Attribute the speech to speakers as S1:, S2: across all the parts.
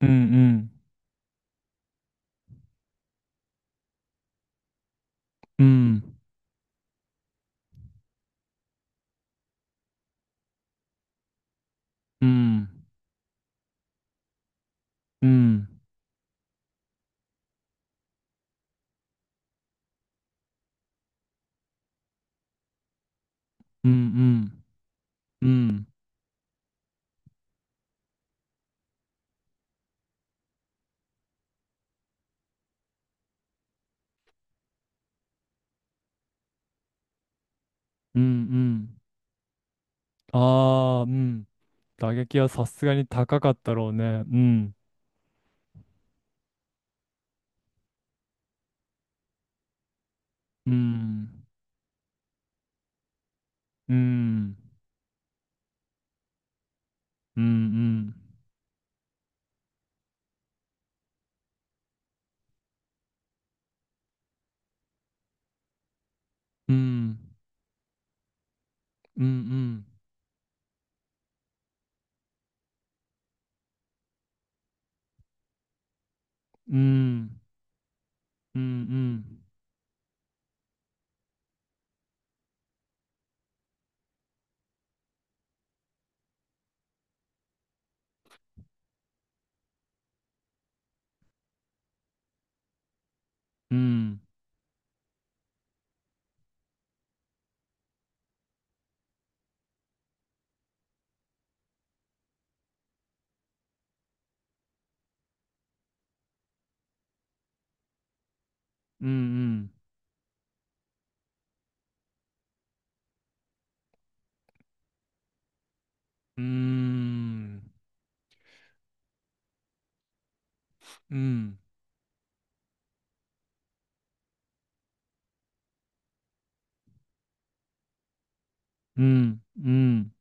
S1: うんうん。うん。うん。うん。うん。うん。うん。ああー、うん。打撃はさすがに高かったろうね。うん。うん。うん。うん。うん。うん。うん。うん。うん。うん。うん。うん。うん。うん。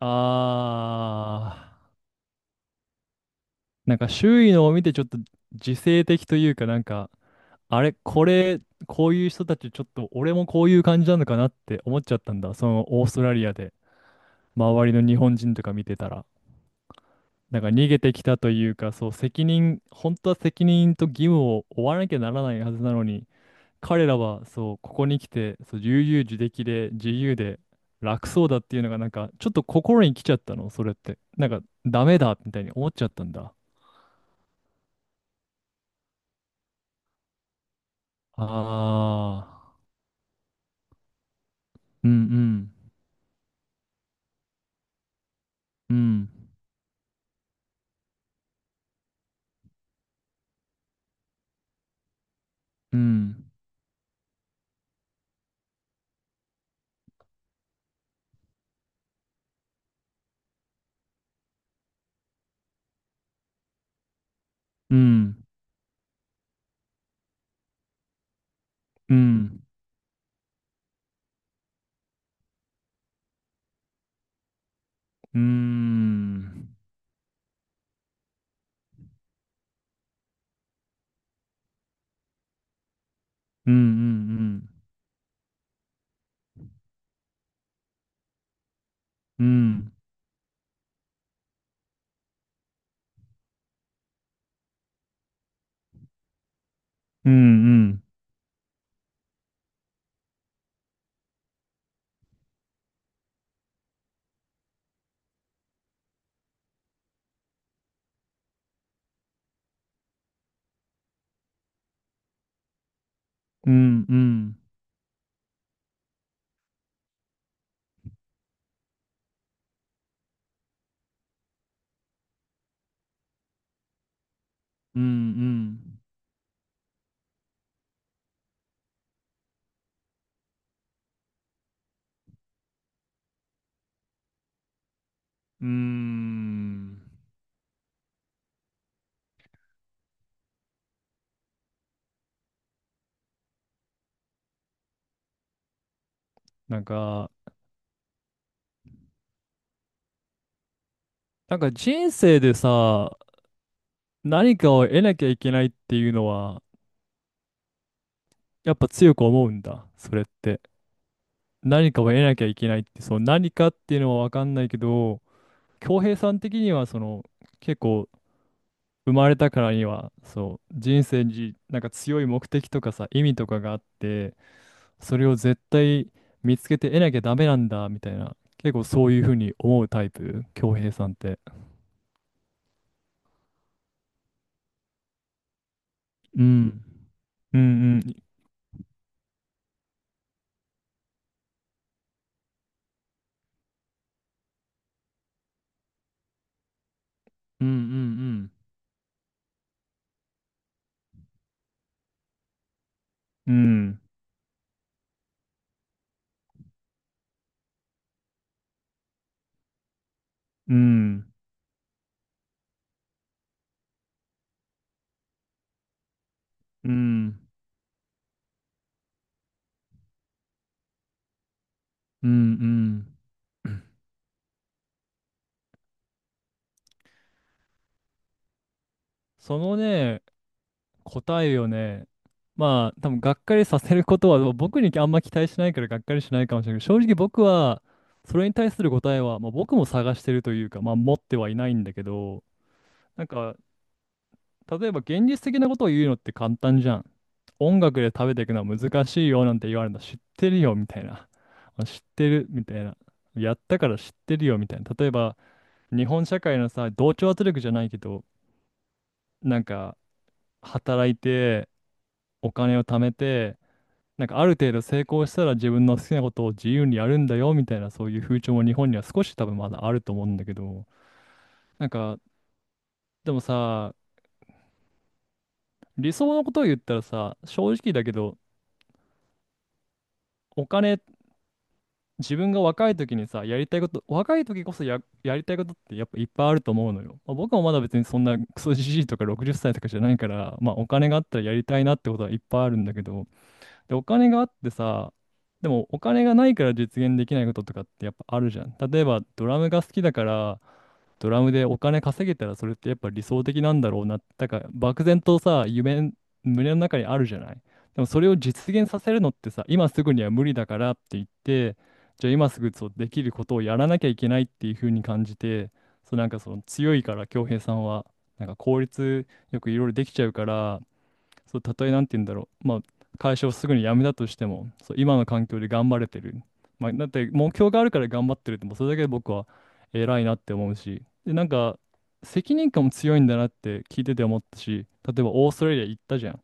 S1: ああ。なんか周囲のを見てちょっと自制的というか、なんかあれ、これ、こういう人たち、ちょっと俺もこういう感じなのかなって思っちゃったんだ。そのオーストラリアで、周りの日本人とか見てたら。なんか逃げてきたというか、そう、責任、本当は責任と義務を負わなきゃならないはずなのに、彼らは、そう、ここに来て、そう、悠々自適で、自由で、楽そうだっていうのが、なんか、ちょっと心に来ちゃったの、それって。なんか、ダメだ、みたいに思っちゃったんだ。ああ、うんうん、うん、うん、うん、うん。うーん。うんうんうん。うんうんうんうんうんうんうん。うーん、なんか、なんか人生でさ、何かを得なきゃいけないっていうのは、やっぱ強く思うんだ、それって。何かを得なきゃいけないって、その何かっていうのはわかんないけど、恭平さん的には、その、結構、生まれたからには、そう、人生になんか強い目的とかさ、意味とかがあって、それを絶対見つけて得なきゃダメなんだみたいな、結構そういうふうに思うタイプ、恭平さんって。うん。うんうん、うんうんうん、うん。うん。うんうんうん、そのね、答えをね、まあ、多分がっかりさせることは僕にあんま期待しないからがっかりしないかもしれないけど、正直僕は、それに対する答えは、まあ、僕も探してるというか、まあ、持ってはいないんだけど、なんか、例えば現実的なことを言うのって簡単じゃん。音楽で食べていくのは難しいよなんて言われるの知ってるよみたいな。あ、知ってるみたいな。やったから知ってるよみたいな。例えば日本社会のさ、同調圧力じゃないけど、なんか働いてお金を貯めて、なんかある程度成功したら自分の好きなことを自由にやるんだよみたいな、そういう風潮も日本には少し多分まだあると思うんだけど、なんかでもさ、理想のことを言ったらさ、正直だけど、お金、自分が若い時にさ、やりたいこと、若い時こそや、やりたいことってやっぱいっぱいあると思うのよ。まあ、僕もまだ別にそんなクソじじいとか60歳とかじゃないから、まあお金があったらやりたいなってことはいっぱいあるんだけど、で、お金があってさ、でもお金がないから実現できないこととかってやっぱあるじゃん。例えばドラムが好きだから、ドラムでお金稼げたらそれってやっぱ理想的なんだろうな。だから漠然とさ、夢、胸の中にあるじゃない。でもそれを実現させるのってさ、今すぐには無理だからって言って、じゃあ今すぐそうできることをやらなきゃいけないっていう風に感じて、そうなんか、その強いから恭平さんは、なんか効率よくいろいろできちゃうから、そう、たとえなんて言うんだろう、まあ、会社をすぐに辞めたとしても、そう、今の環境で頑張れてる。まあ、だって目標があるから頑張ってるって、もうそれだけで僕は偉いなって思うし、で、なんか、責任感も強いんだなって聞いてて思ったし、例えばオーストラリア行ったじゃん。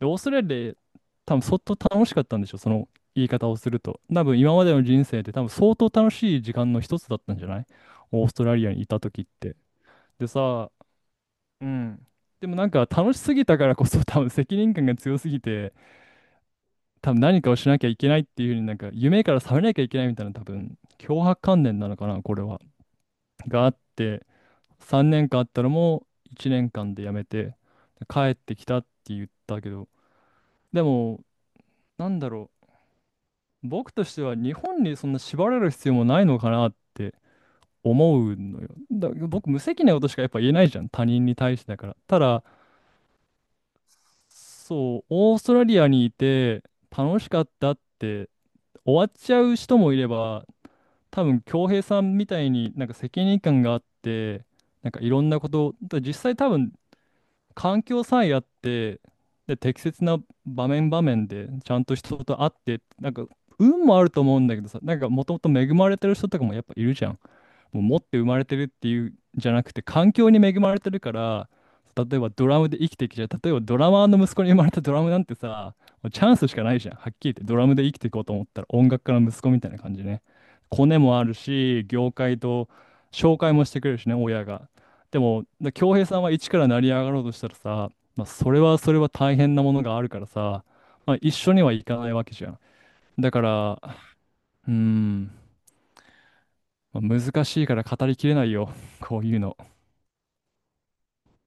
S1: で、オーストラリアで多分相当楽しかったんでしょ、その言い方をすると。多分今までの人生で多分相当楽しい時間の一つだったんじゃない、オーストラリアにいた時って。でさ、うん。でもなんか楽しすぎたからこそ多分責任感が強すぎて、多分何かをしなきゃいけないっていうふうに、なんか夢から覚めなきゃいけないみたいな、多分強迫観念なのかな、これは。があって、3年間あったのも1年間で辞めて帰ってきたって言ったけど、でもなんだろう、僕としては日本にそんな縛られる必要もないのかなって思うのよ。だ、僕無責任なことしかやっぱ言えないじゃん、他人に対してだから。ただそう、オーストラリアにいて楽しかったって終わっちゃう人もいれば、多分恭平さんみたいになんか責任感があって、なんかいろんなことだ、実際多分環境さえあって、で適切な場面場面でちゃんと人と会って、なんか運もあると思うんだけどさ、なんかもともと恵まれてる人とかもやっぱいるじゃん。もう持って生まれてるっていうんじゃなくて環境に恵まれてるから、例えばドラムで生きてきちゃう、例えばドラマーの息子に生まれたドラムなんてさ、もうチャンスしかないじゃん、はっきり言って。ドラムで生きていこうと思ったら音楽家の息子みたいな感じね。コネもあるし、業界と紹介もしてくれるしね、親が。でもだ、恭平さんは一から成り上がろうとしたらさ、まあ、それはそれは大変なものがあるからさ、まあ、一緒にはいかないわけじゃん。だからうーん、まあ難しいから語りきれないよ、こういうの。